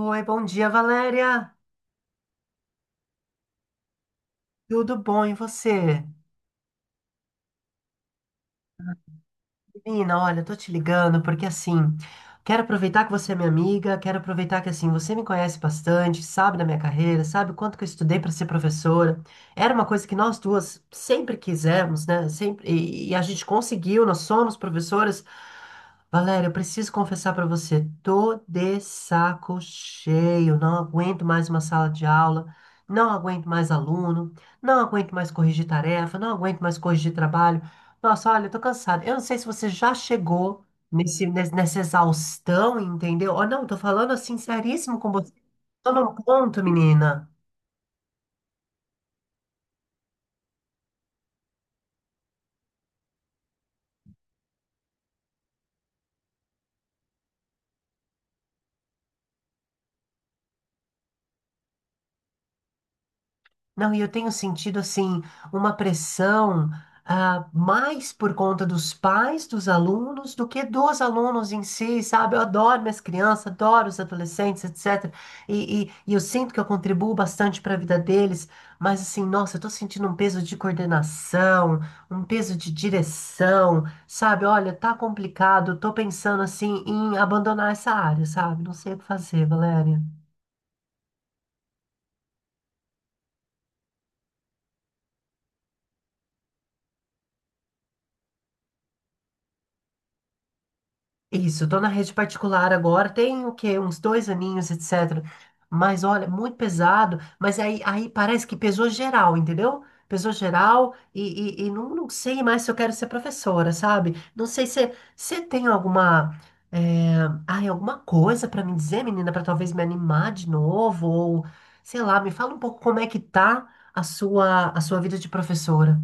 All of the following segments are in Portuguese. Oi, bom dia, Valéria. Tudo bom e você? Menina, olha, eu tô te ligando porque assim, quero aproveitar que você é minha amiga, quero aproveitar que assim, você me conhece bastante, sabe da minha carreira, sabe o quanto que eu estudei para ser professora. Era uma coisa que nós duas sempre quisemos, né? Sempre e a gente conseguiu, nós somos professoras. Valéria, eu preciso confessar para você, tô de saco cheio, não aguento mais uma sala de aula, não aguento mais aluno, não aguento mais corrigir tarefa, não aguento mais corrigir trabalho. Nossa, olha, eu tô cansado. Eu não sei se você já chegou nessa exaustão, entendeu? Ou não, tô falando assim, seríssimo com você. Tô num ponto, menina. Não, e eu tenho sentido assim uma pressão, ah, mais por conta dos pais dos alunos do que dos alunos em si, sabe? Eu adoro minhas crianças, adoro os adolescentes, etc. E eu sinto que eu contribuo bastante para a vida deles, mas assim, nossa, eu tô sentindo um peso de coordenação, um peso de direção, sabe? Olha, tá complicado, eu tô pensando assim em abandonar essa área, sabe? Não sei o que fazer, Valéria. Isso, tô na rede particular agora, tem o quê? Uns dois aninhos, etc. Mas olha, muito pesado, mas aí parece que pesou geral, entendeu? Pesou geral e não sei mais se eu quero ser professora, sabe? Não sei se você tem alguma, eh, ai, alguma coisa pra me dizer, menina, pra talvez me animar de novo, ou sei lá, me fala um pouco como é que tá a sua vida de professora.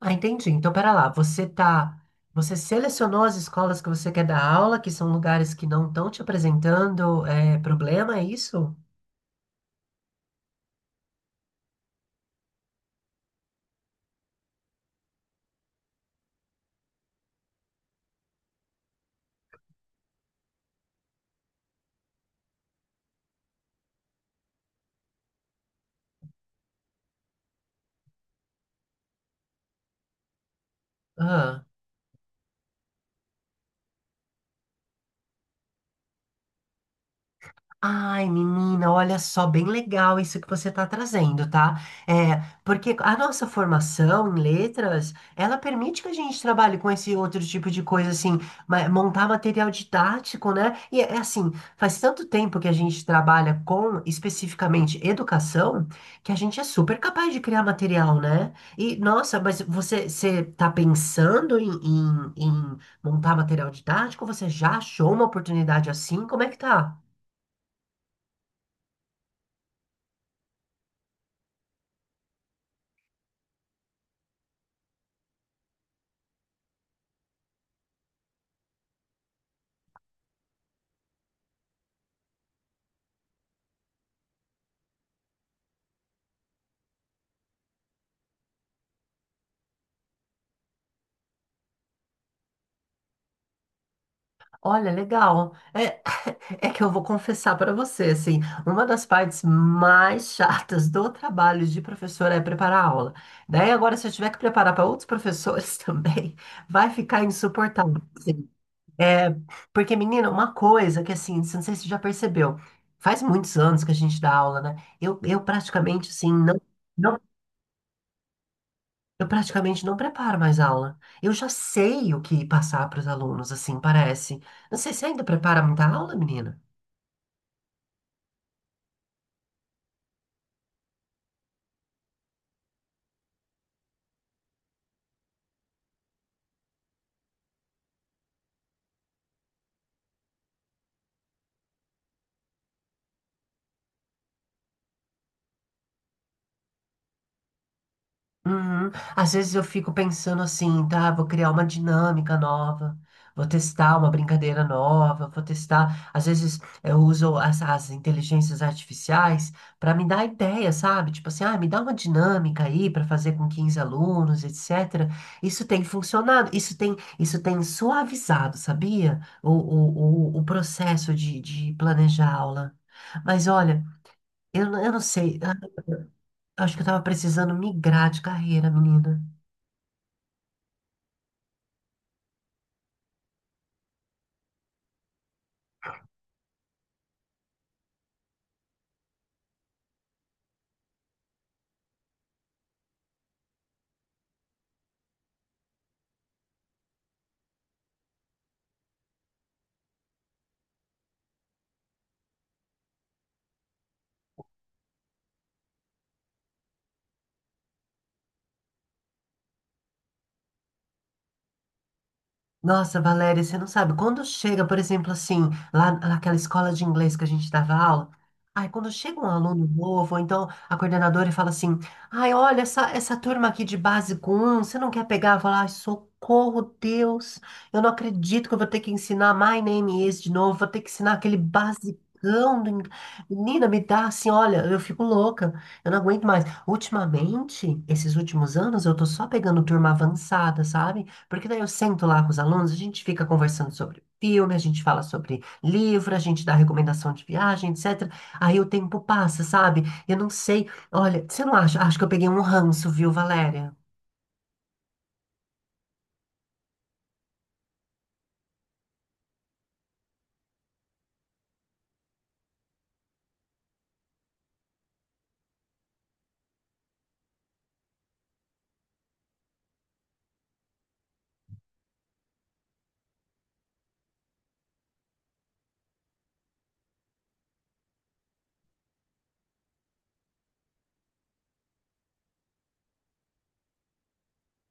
Ah, entendi. Então, pera lá, você selecionou as escolas que você quer dar aula, que são lugares que não estão te apresentando, é, problema, é isso? Ah. Ai, menina, olha só, bem legal isso que você está trazendo, tá? É, porque a nossa formação em letras, ela permite que a gente trabalhe com esse outro tipo de coisa, assim, montar material didático, né? E é assim, faz tanto tempo que a gente trabalha com, especificamente, educação, que a gente é super capaz de criar material, né? E, nossa, mas você tá pensando em montar material didático? Você já achou uma oportunidade assim? Como é que tá? Olha, legal. É, é que eu vou confessar para você, assim, uma das partes mais chatas do trabalho de professora é preparar a aula. Daí agora, se eu tiver que preparar para outros professores também, vai ficar insuportável assim. É, porque, menina, uma coisa que, assim, não sei se você já percebeu, faz muitos anos que a gente dá aula, né? Eu praticamente, assim, não, eu praticamente não preparo mais aula. Eu já sei o que passar para os alunos, assim, parece. Não sei se ainda prepara muita aula, menina. Uhum. Às vezes eu fico pensando assim, tá? Vou criar uma dinâmica nova, vou testar uma brincadeira nova, vou testar. Às vezes eu uso as inteligências artificiais para me dar ideia, sabe? Tipo assim, ah, me dá uma dinâmica aí para fazer com 15 alunos, etc. Isso tem funcionado, isso tem suavizado, sabia? O processo de planejar a aula. Mas olha, eu não sei, ah, acho que eu tava precisando migrar de carreira, menina. Nossa, Valéria, você não sabe. Quando chega, por exemplo, assim, lá naquela escola de inglês que a gente dava aula, ai, quando chega um aluno novo, ou então a coordenadora fala assim: ai, olha, essa turma aqui de básico 1, você não quer pegar? Eu falo, ai, socorro, Deus, eu não acredito que eu vou ter que ensinar My Name Is de novo, vou ter que ensinar aquele basicão do inglês. Menina, me dá assim, olha, eu fico louca, eu não aguento mais. Ultimamente, esses últimos anos, eu tô só pegando turma avançada, sabe? Porque daí eu sento lá com os alunos, a gente fica conversando sobre filme, a gente fala sobre livro, a gente dá recomendação de viagem, etc. Aí o tempo passa, sabe? Eu não sei. Olha, você não acha? Acho que eu peguei um ranço, viu, Valéria?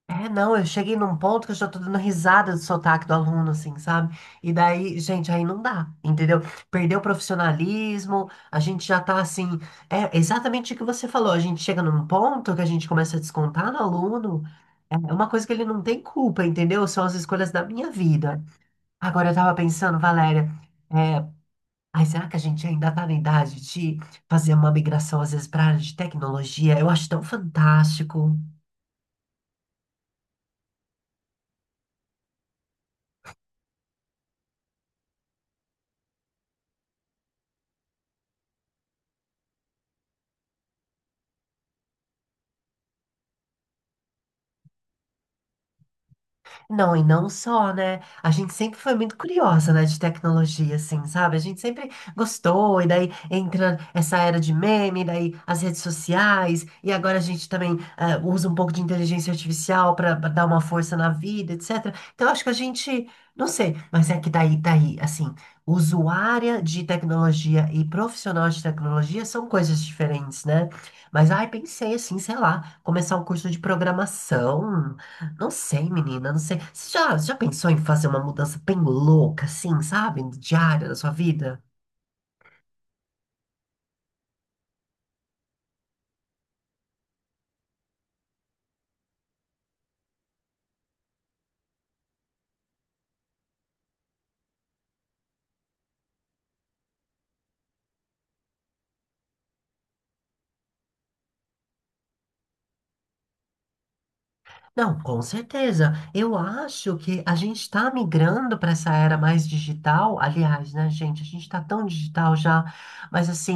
É, não, eu cheguei num ponto que eu já tô dando risada do sotaque do aluno, assim, sabe? E daí, gente, aí não dá, entendeu? Perdeu o profissionalismo, a gente já tá assim. É exatamente o que você falou, a gente chega num ponto que a gente começa a descontar no aluno, é uma coisa que ele não tem culpa, entendeu? São as escolhas da minha vida. Agora, eu tava pensando, Valéria, é, ai, será que a gente ainda tá na idade de fazer uma migração, às vezes, pra área de tecnologia? Eu acho tão fantástico. Não, e não só, né? A gente sempre foi muito curiosa, né, de tecnologia, assim, sabe? A gente sempre gostou, e daí entra essa era de meme, daí as redes sociais, e agora a gente também, eh, usa um pouco de inteligência artificial para dar uma força na vida, etc. Então, acho que a gente, não sei, mas é que daí, assim, usuária de tecnologia e profissional de tecnologia são coisas diferentes, né? Mas, ai, pensei assim, sei lá, começar um curso de programação. Não sei, menina, não sei. Você já pensou em fazer uma mudança bem louca, assim, sabe? Diária da sua vida? Não, com certeza. Eu acho que a gente está migrando para essa era mais digital. Aliás, né, gente? A gente está tão digital já, mas assim,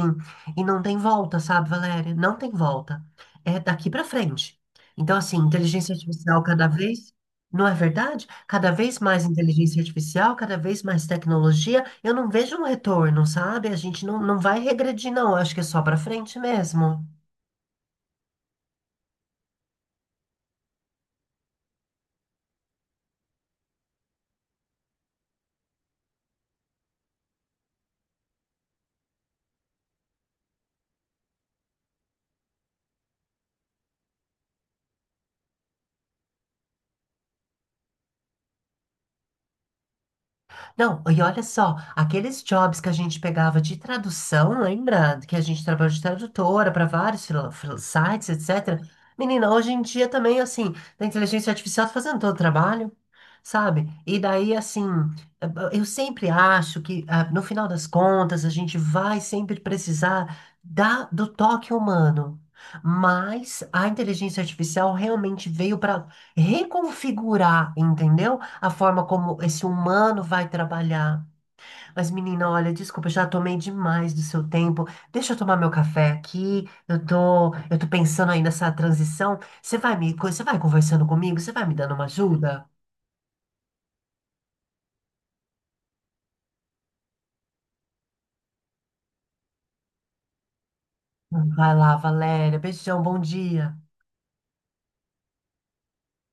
e não tem volta, sabe, Valéria? Não tem volta. É daqui para frente. Então, assim, inteligência artificial cada vez, não é verdade? Cada vez mais inteligência artificial, cada vez mais tecnologia. Eu não vejo um retorno, sabe? A gente não vai regredir, não. Eu acho que é só para frente mesmo. Não, e olha só, aqueles jobs que a gente pegava de tradução, lembra? Que a gente trabalhou de tradutora para vários sites, etc. Menina, hoje em dia também, assim, da inteligência artificial tá fazendo todo o trabalho, sabe? E daí, assim, eu sempre acho que, ah, no final das contas, a gente vai sempre precisar do toque humano. Mas a inteligência artificial realmente veio para reconfigurar, entendeu? A forma como esse humano vai trabalhar. Mas, menina, olha, desculpa, eu já tomei demais do seu tempo. Deixa eu tomar meu café aqui. Eu tô pensando aí nessa transição. Você vai conversando comigo? Você vai me dando uma ajuda? Vai lá, Valéria. Beijão, bom dia.